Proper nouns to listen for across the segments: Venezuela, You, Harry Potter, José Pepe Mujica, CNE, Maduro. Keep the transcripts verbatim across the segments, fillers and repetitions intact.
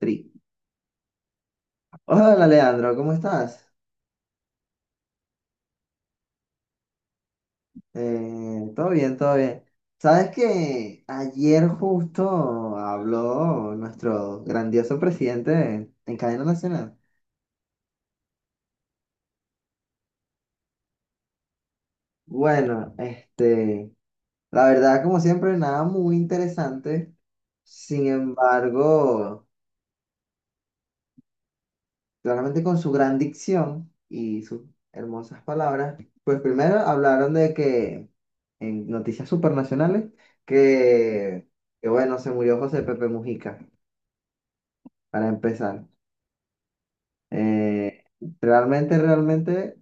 Tri. Hola, Leandro, ¿cómo estás? Eh, todo bien, todo bien. ¿Sabes que ayer justo habló nuestro grandioso presidente en cadena nacional? Bueno, este, la verdad, como siempre, nada muy interesante. Sin embargo, claramente con su gran dicción y sus hermosas palabras, pues primero hablaron de que en noticias supernacionales, que, que bueno, se murió José Pepe Mujica, para empezar. Eh, realmente, realmente,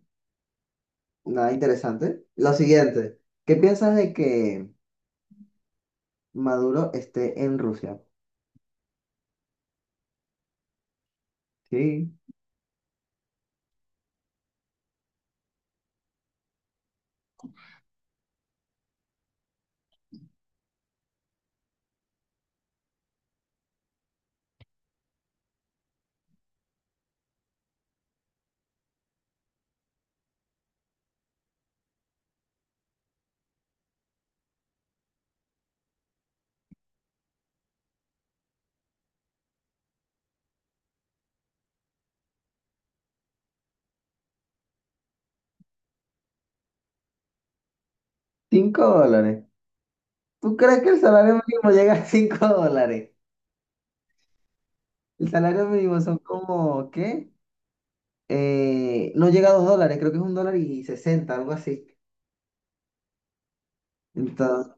nada interesante. Lo siguiente, ¿qué piensas de que Maduro esté en Rusia? Sí, cinco dólares. ¿Tú crees que el salario mínimo llega a cinco dólares? El salario mínimo son como, ¿qué? Eh, no llega a dos dólares, creo que es un dólar y sesenta, algo así. Entonces,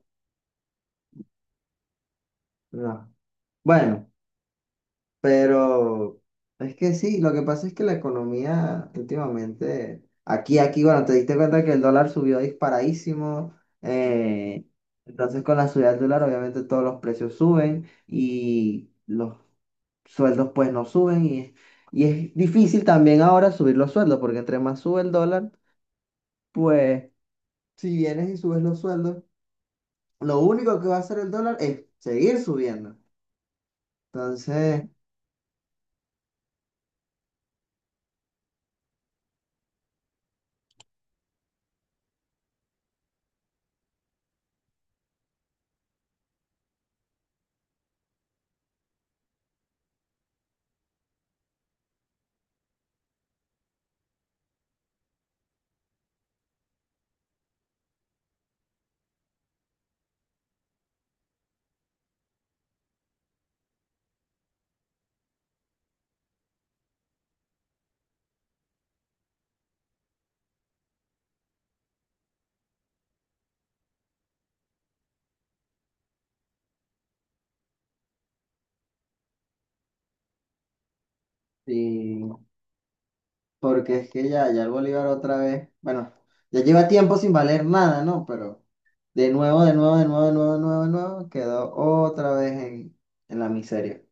no. Bueno, pero es que sí, lo que pasa es que la economía últimamente, aquí, aquí, bueno, te diste cuenta que el dólar subió disparadísimo. eh, entonces, con la subida del dólar, obviamente todos los precios suben y los sueldos pues no suben y es, y es difícil también ahora subir los sueldos porque entre más sube el dólar, pues si vienes y subes los sueldos lo único que va a hacer el dólar es seguir subiendo. Entonces, sí, porque es que ya, ya el bolívar otra vez, bueno, ya lleva tiempo sin valer nada, ¿no? Pero de nuevo, de nuevo, de nuevo, de nuevo, de nuevo, de nuevo, quedó otra vez en, en la miseria.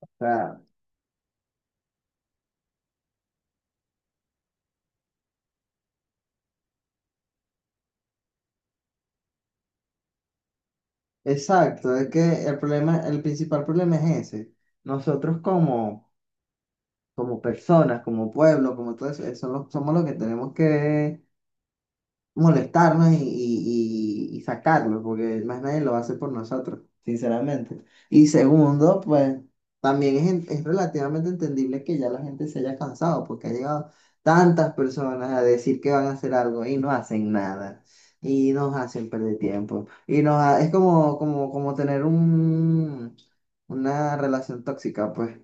O sea, exacto, es que el problema, el principal problema es ese. Nosotros como, como personas, como pueblo, como todo eso, eso lo- somos los que tenemos que molestarnos y, y, y- y sacarlo, porque más nadie lo hace por nosotros, sinceramente. Y segundo, pues también es, en- es relativamente entendible que ya la gente se haya cansado, porque ha llegado tantas personas a decir que van a hacer algo y no hacen nada. Y nos hacen perder tiempo. Y nos ha- es como, como, como tener un, una relación tóxica, pues.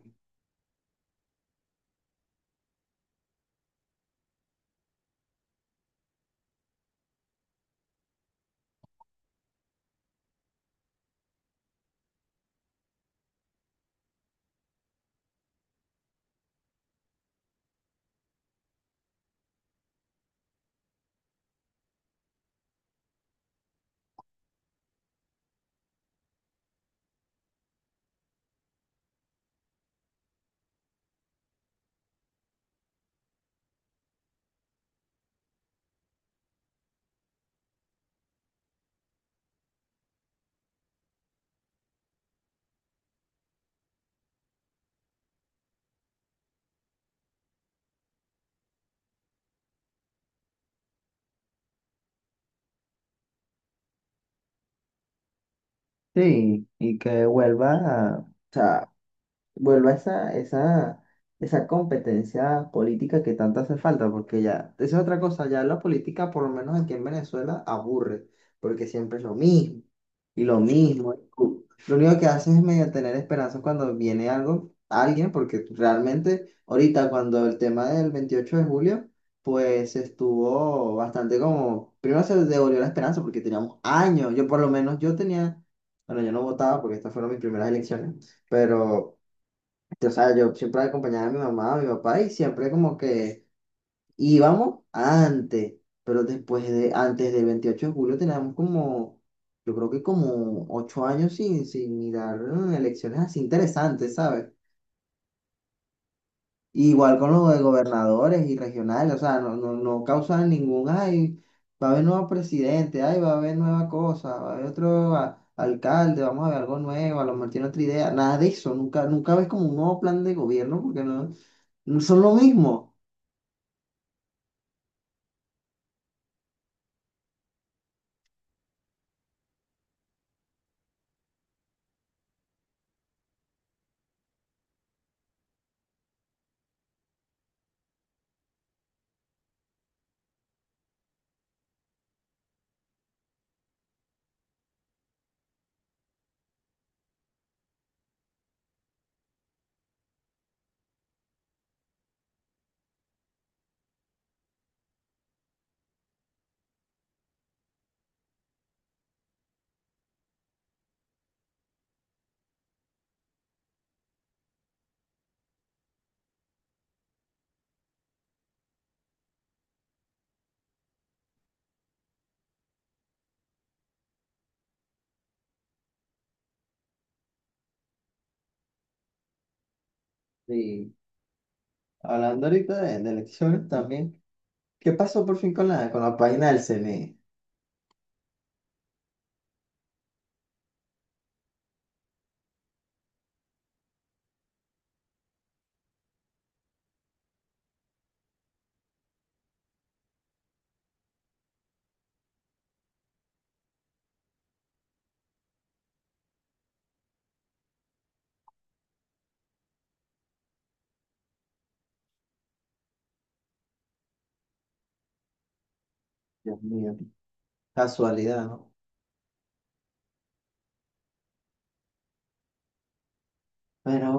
Sí, y que vuelva, o sea, vuelva esa, esa, esa competencia política que tanto hace falta, porque ya, esa es otra cosa, ya la política, por lo menos aquí en Venezuela, aburre, porque siempre es lo mismo, y lo mismo. Y cu- lo único que hacen es medio tener esperanza cuando viene algo, alguien, porque realmente ahorita cuando el tema del veintiocho de julio, pues estuvo bastante como, primero se devolvió la esperanza porque teníamos años, yo por lo menos yo tenía, bueno, yo no votaba porque estas fueron mis primeras elecciones, pero... O sea, yo siempre acompañaba a mi mamá, a mi papá y siempre como que íbamos antes, pero después de, antes del veintiocho de julio teníamos como, yo creo que como ocho años sin, sin mirar mm, elecciones así interesantes, ¿sabes? Igual con los de gobernadores y regionales, o sea, no, no, no causan ningún, ay, va a haber nuevo presidente, ay, va a haber nueva cosa, va a haber otro a- alcalde, vamos a ver algo nuevo, a lo mejor tiene otra idea, nada de eso, nunca, nunca ves como un nuevo plan de gobierno porque no. No son lo mismo. Y hablando ahorita de, de elecciones también. ¿Qué pasó por fin con la, con la página del C N E? Dios mío, casualidad, ¿no? Pero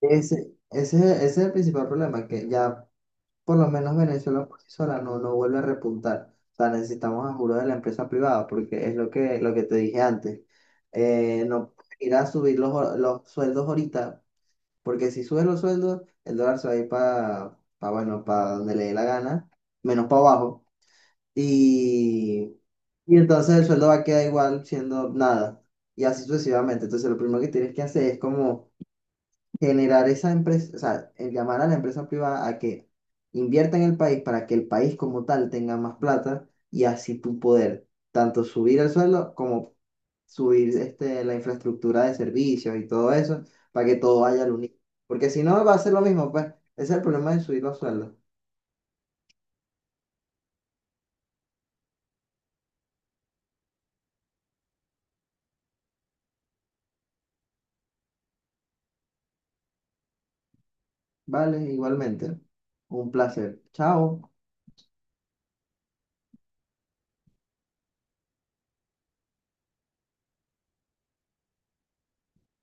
ese, ese, ese es el principal problema, que ya por lo menos Venezuela por sí sola no, no vuelve a repuntar. O sea, necesitamos ayuda de la empresa privada, porque es lo que, lo que te dije antes. Eh, no ir a subir los, hor- los sueldos ahorita, porque si subes los sueldos, el dólar se va a ir para, bueno, para donde le dé la gana, menos para abajo. Y, y entonces el sueldo va a quedar igual siendo nada. Y así sucesivamente. Entonces lo primero que tienes que hacer es como generar esa empresa, o sea, el llamar a la empresa privada a que invierta en el país para que el país como tal tenga más plata y así tú poder tanto subir el sueldo como subir este, la infraestructura de servicios y todo eso para que todo vaya al unísono. Porque si no va a ser lo mismo, pues. Ese es el problema de subir los sueldos. Vale, igualmente. Un placer. Chao.